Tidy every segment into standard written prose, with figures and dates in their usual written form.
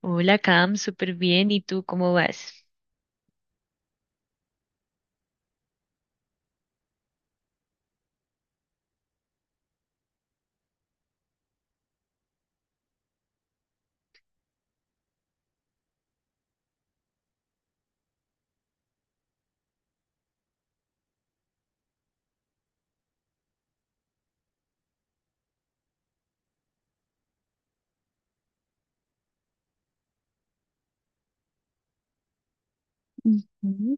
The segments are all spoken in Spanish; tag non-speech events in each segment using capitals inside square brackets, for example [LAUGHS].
Hola, Cam, súper bien. ¿Y tú cómo vas? Ujú.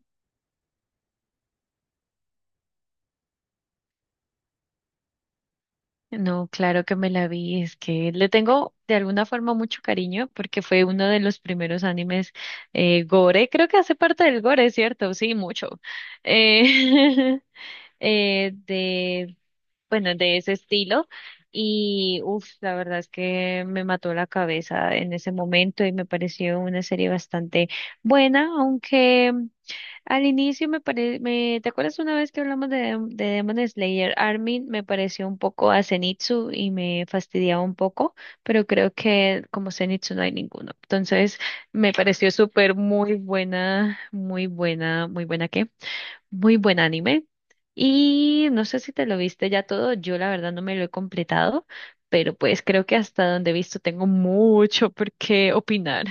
No, claro que me la vi. Es que le tengo de alguna forma mucho cariño porque fue uno de los primeros animes gore. Creo que hace parte del gore, ¿cierto? Sí, mucho. Eh, [LAUGHS] eh, de, bueno, de ese estilo. La verdad es que me mató la cabeza en ese momento y me pareció una serie bastante buena, aunque. Al inicio me parece, ¿te acuerdas una vez que hablamos de, de Demon Slayer? Armin me pareció un poco a Zenitsu y me fastidiaba un poco, pero creo que como Zenitsu no hay ninguno. Entonces me pareció súper muy buena, muy buena, muy buena ¿qué? Muy buen anime. Y no sé si te lo viste ya todo, yo la verdad no me lo he completado, pero pues creo que hasta donde he visto tengo mucho por qué opinar.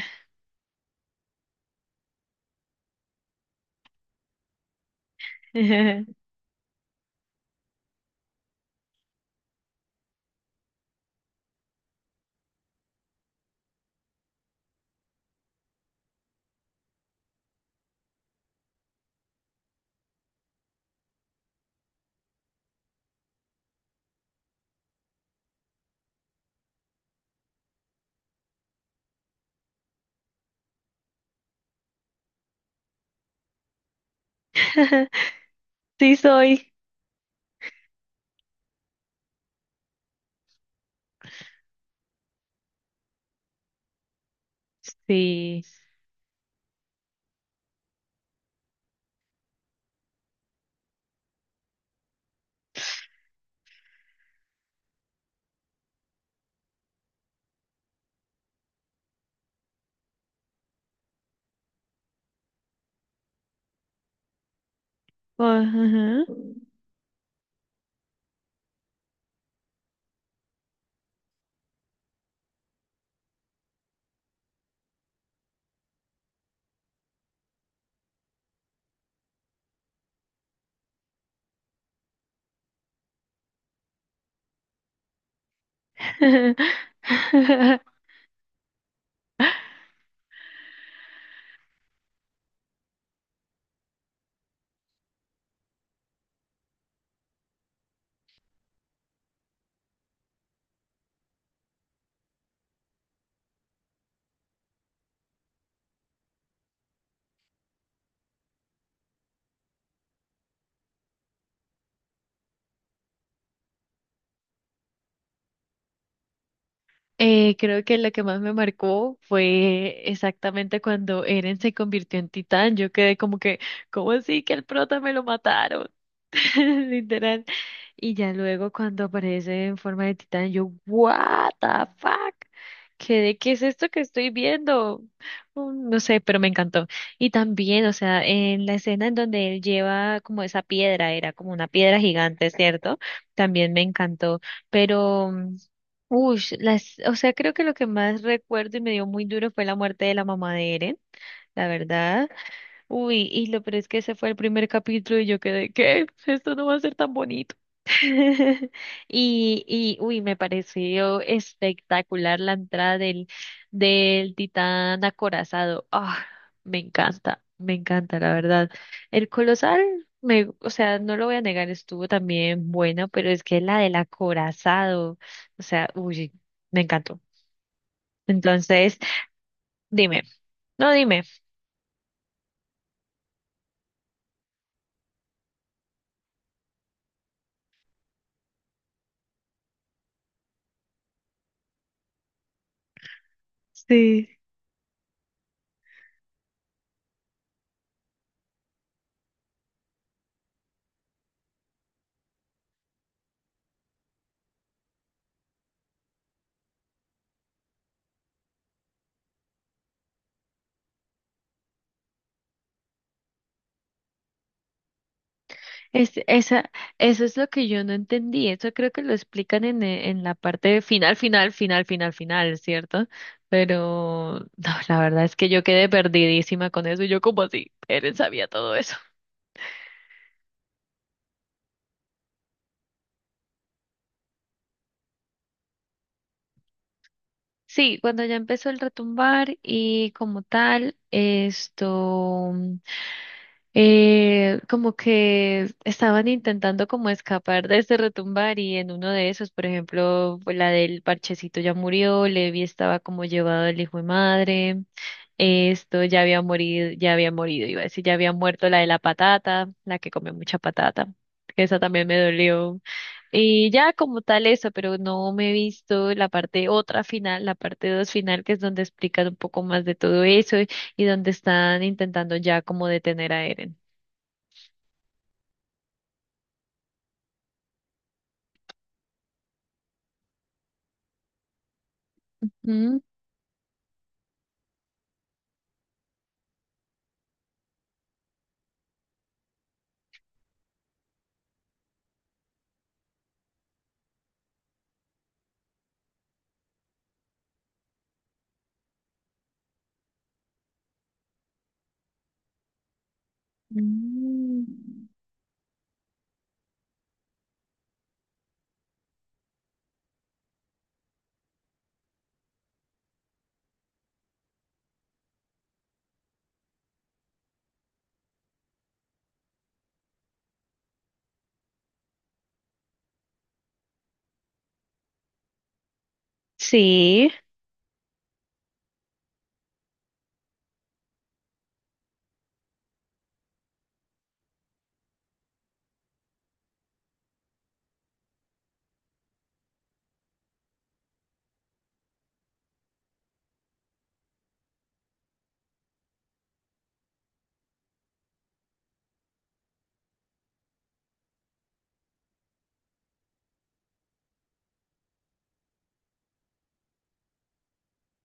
[LAUGHS] Sí soy. Sí. Ajá. [LAUGHS] Creo que lo que más me marcó fue exactamente cuando Eren se convirtió en titán. Yo quedé ¿cómo así que el prota me lo mataron? [LAUGHS] Literal. Y ya luego cuando aparece en forma de titán, yo, what the fuck, ¿qué es esto que estoy viendo? No sé, pero me encantó. Y también, o sea, en la escena en donde él lleva como esa piedra, era como una piedra gigante, ¿cierto? También me encantó, pero... mm, Ush, las, o sea, creo que lo que más recuerdo y me dio muy duro fue la muerte de la mamá de Eren, la verdad. Uy, y lo peor es que ese fue el primer capítulo y yo quedé, ¿qué? Esto no va a ser tan bonito. [LAUGHS] Me pareció espectacular la entrada del titán acorazado. Ah, me encanta, la verdad. El colosal, o sea, no lo voy a negar, estuvo también bueno, pero es que la del acorazado, o sea, uy, me encantó. Entonces, dime, no dime. Sí. Es, esa, eso es lo que yo no entendí. Eso creo que lo explican en, en la parte de final, final, final, final, final, ¿cierto? Pero [LAUGHS] no, la verdad es que yo quedé perdidísima con eso. Yo como así, él sabía todo eso. Sí, cuando ya empezó el retumbar y como tal, esto. Como que estaban intentando como escapar de ese retumbar y en uno de esos, por ejemplo, fue la del parchecito ya murió, Levi estaba como llevado el hijo de madre, esto ya había morido, iba a decir, ya había muerto la de la patata, la que come mucha patata. Que Esa también me dolió. Y ya como tal eso, pero no me he visto la parte otra final, la parte dos final, que es donde explican un poco más de todo eso y donde están intentando ya como detener a Eren. Mm, mm. Sí,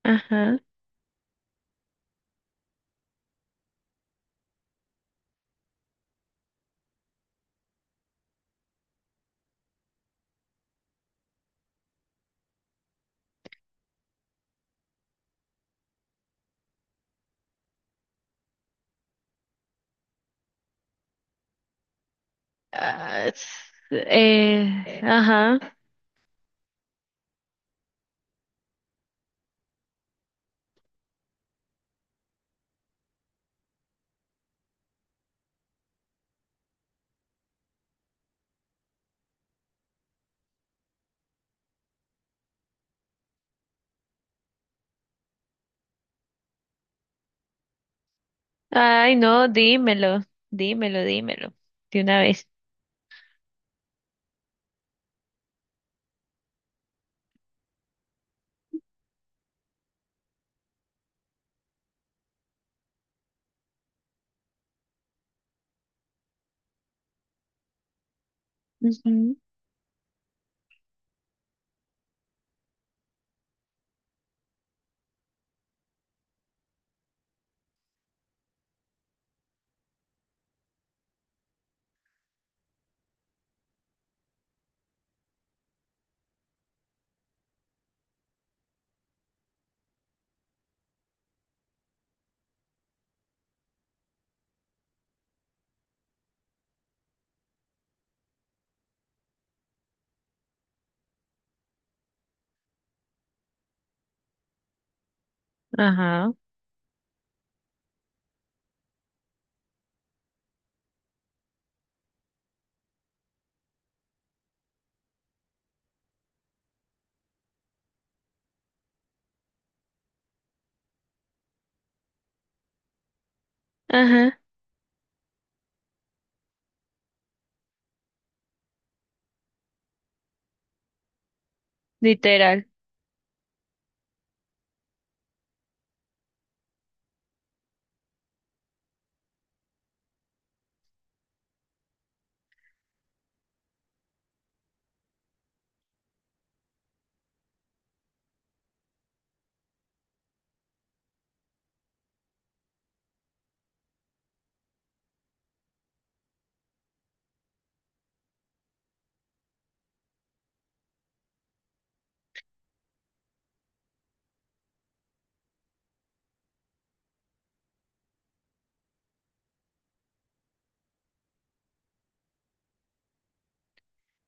ajá. Ah, s- ajá. Ay, no, dímelo, dímelo, dímelo. De una vez. Ujú. Ajá, ajá, literal.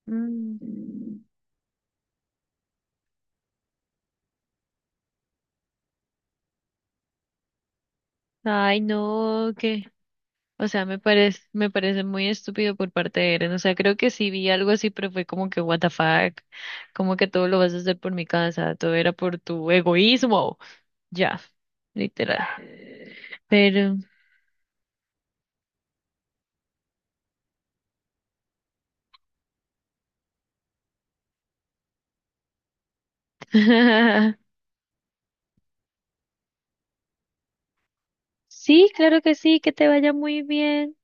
Mm. Ay, no, que, o sea, me parece muy estúpido por parte de Eren. O sea, creo que sí vi algo así, pero fue como que, what the fuck, como que todo lo vas a hacer por mi casa, todo era por tu egoísmo. Ya, literal. Pero [LAUGHS] sí, claro que sí, que te vaya muy bien.